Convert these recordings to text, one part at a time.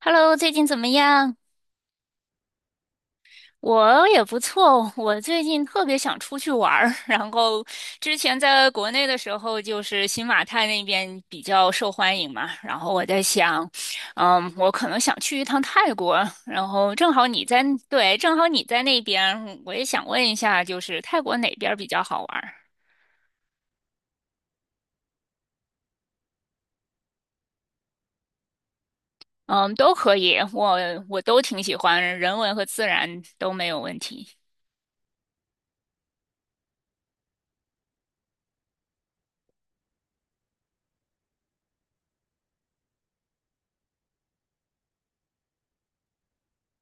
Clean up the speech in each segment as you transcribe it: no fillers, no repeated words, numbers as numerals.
Hello，最近怎么样？我也不错，我最近特别想出去玩儿。然后之前在国内的时候，就是新马泰那边比较受欢迎嘛。然后我在想，嗯，我可能想去一趟泰国。然后正好你在，对，正好你在那边，我也想问一下，就是泰国哪边儿比较好玩儿？嗯，都可以，我都挺喜欢，人文和自然都没有问题。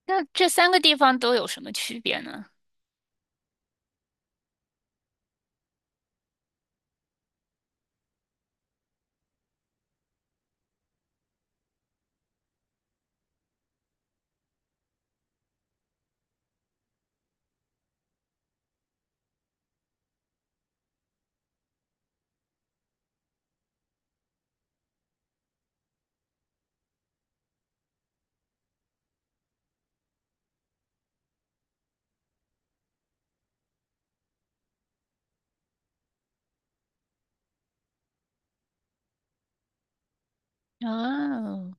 那这三个地方都有什么区别呢？哦。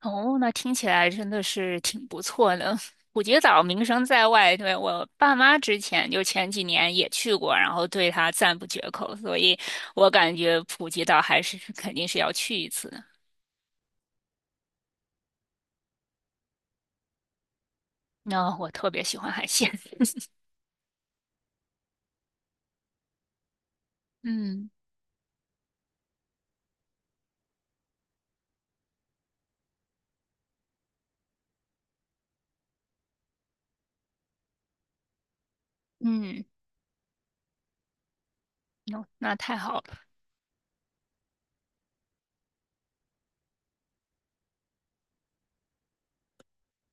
哦，那听起来真的是挺不错的。普吉岛名声在外，对，我爸妈之前就前几年也去过，然后对他赞不绝口，所以我感觉普吉岛还是肯定是要去一次的。那、我特别喜欢海鲜。嗯嗯，那太好了。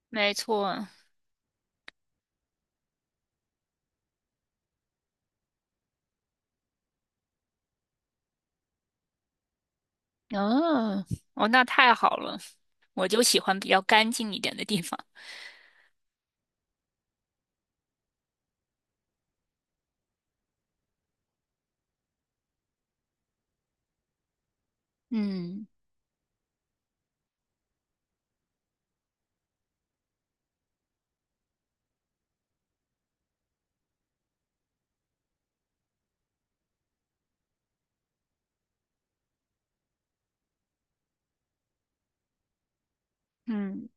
没错。哦哦，那太好了，我就喜欢比较干净一点的地方。嗯嗯，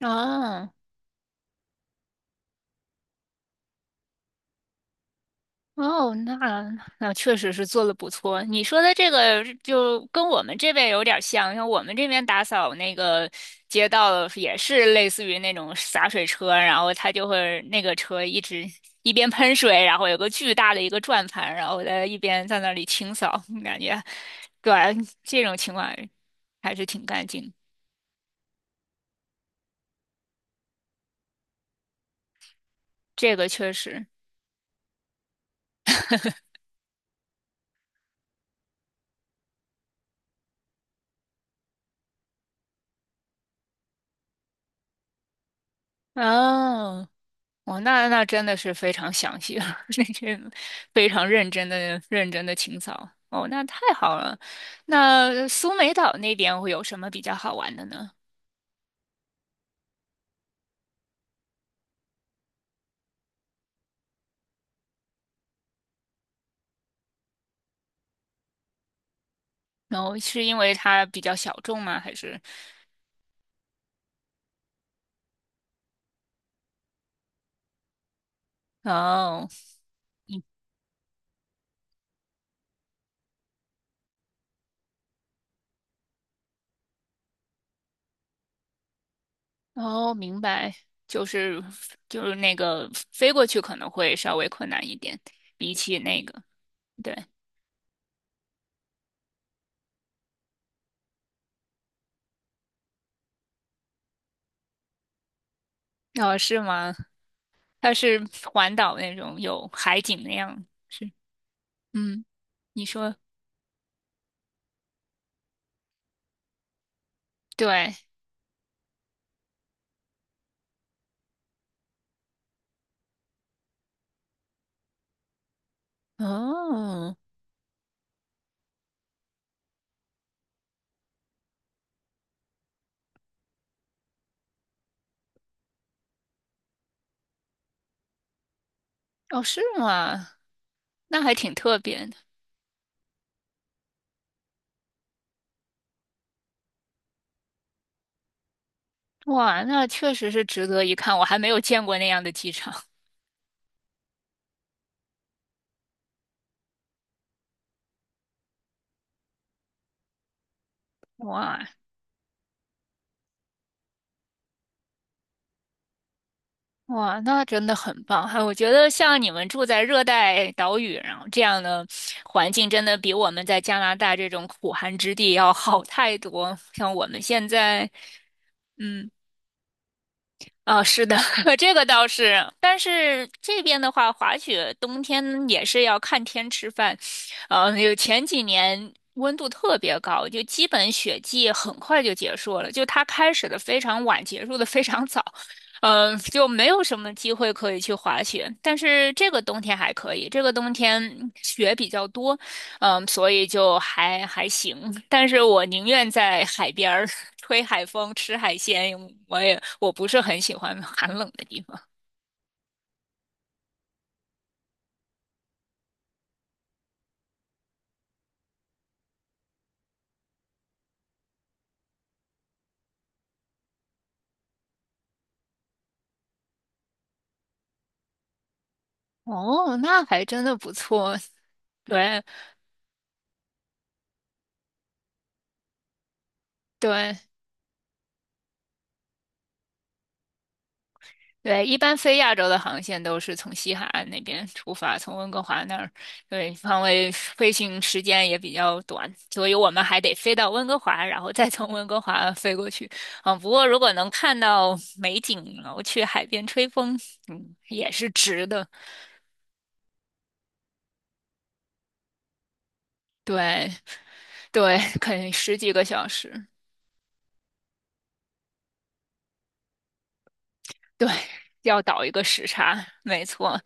啊。哦哦，那确实是做的不错。你说的这个就跟我们这边有点像，像我们这边打扫那个街道也是类似于那种洒水车，然后它就会那个车一直一边喷水，然后有个巨大的一个转盘，然后在一边在那里清扫，感觉，对，这种情况还是挺干净。这个确实。哦。哦，那真的是非常详细了，那些非常认真的、认真的清扫。哦，那太好了。那苏梅岛那边会有什么比较好玩的呢？然后是因为它比较小众吗？还是哦。哦，明白，就是就是那个飞过去可能会稍微困难一点。比起那个，对。哦，是吗？它是环岛那种有海景那样是嗯，你说对。哦。哦，是吗？那还挺特别的。哇，那确实是值得一看，我还没有见过那样的机场。哇哇，那真的很棒！哎，我觉得像你们住在热带岛屿，然后这样的环境，真的比我们在加拿大这种苦寒之地要好太多。像我们现在，嗯，啊、是的。这个倒是，但是这边的话，滑雪冬天也是要看天吃饭，有前几年温度特别高，就基本雪季很快就结束了，就它开始的非常晚，结束的非常早。就没有什么机会可以去滑雪。但是这个冬天还可以，这个冬天雪比较多，嗯，所以就还行。但是我宁愿在海边儿 吹海风、吃海鲜，我不是很喜欢寒冷的地方。哦，那还真的不错。对对，对，一般飞亚洲的航线都是从西海岸那边出发，从温哥华那儿。对，因为飞行时间也比较短，所以我们还得飞到温哥华，然后再从温哥华飞过去。嗯，不过如果能看到美景，然后去海边吹风，嗯，也是值的。对。对，肯定十几个小时。对，要倒一个时差，没错，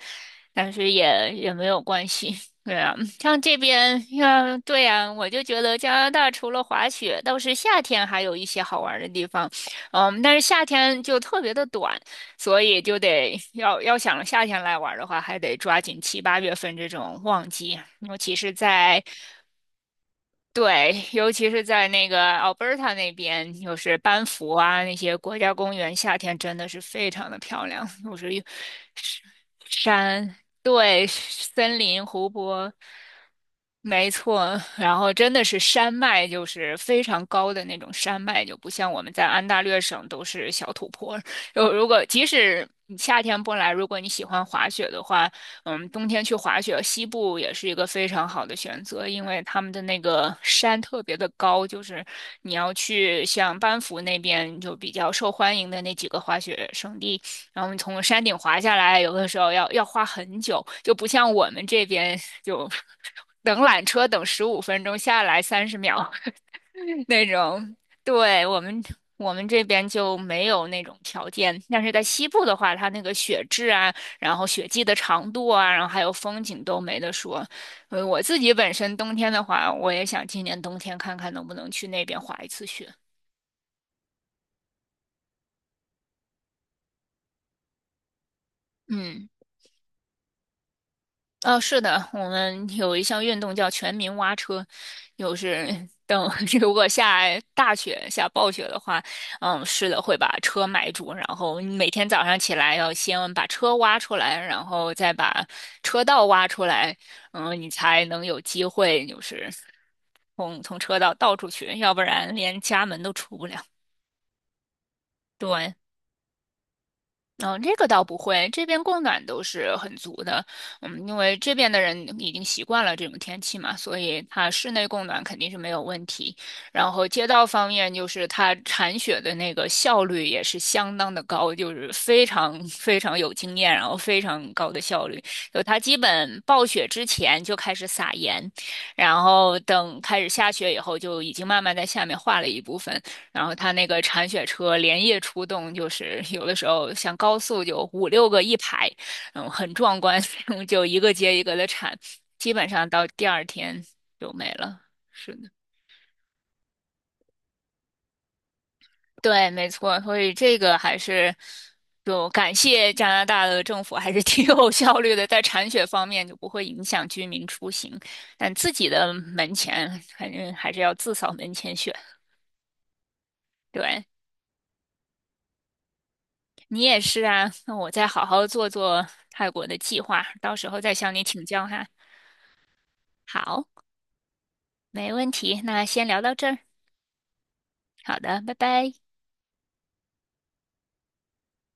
但是也没有关系。对啊，像这边，像对呀，我就觉得加拿大除了滑雪，倒是夏天还有一些好玩儿的地方。嗯，但是夏天就特别的短，所以就得要想夏天来玩儿的话，还得抓紧七八月份这种旺季，尤其是在对，尤其是在那个 Alberta 那边，就是班夫啊那些国家公园，夏天真的是非常的漂亮，就是有山。对，森林、湖泊。没错。然后真的是山脉，就是非常高的那种山脉，就不像我们在安大略省都是小土坡儿。就如果即使你夏天不来，如果你喜欢滑雪的话，嗯，冬天去滑雪，西部也是一个非常好的选择，因为他们的那个山特别的高，就是你要去像班夫那边就比较受欢迎的那几个滑雪胜地，然后你从山顶滑下来，有的时候要花很久，就不像我们这边就 等缆车等15分钟下来30秒，那种。对，我们这边就没有那种条件，但是在西部的话，它那个雪质啊，然后雪季的长度啊，然后还有风景都没得说。我自己本身冬天的话，我也想今年冬天看看能不能去那边滑一次雪。嗯。哦，是的，我们有一项运动叫全民挖车，就是等， 如果下大雪、下暴雪的话，嗯，是的，会把车埋住，然后每天早上起来要先把车挖出来，然后再把车道挖出来。嗯，你才能有机会就是从车道倒出去，要不然连家门都出不了。对，嗯，这个倒不会，这边供暖都是很足的。嗯，因为这边的人已经习惯了这种天气嘛，所以它室内供暖肯定是没有问题。然后街道方面，就是它铲雪的那个效率也是相当的高，就是非常非常有经验，然后非常高的效率。就它基本暴雪之前就开始撒盐，然后等开始下雪以后，就已经慢慢在下面化了一部分。然后他那个铲雪车连夜出动，就是有的时候像高速就五六个一排。嗯，很壮观，就一个接一个的铲，基本上到第二天就没了。是的。对，没错，所以这个还是就感谢加拿大的政府，还是 挺有效率的，在铲雪方面就不会影响居民出行，但自己的门前反正还是要自扫门前雪。对，你也是啊，那我再好好做做泰国的计划，到时候再向你请教哈。好，没问题，那先聊到这儿。好的，拜拜。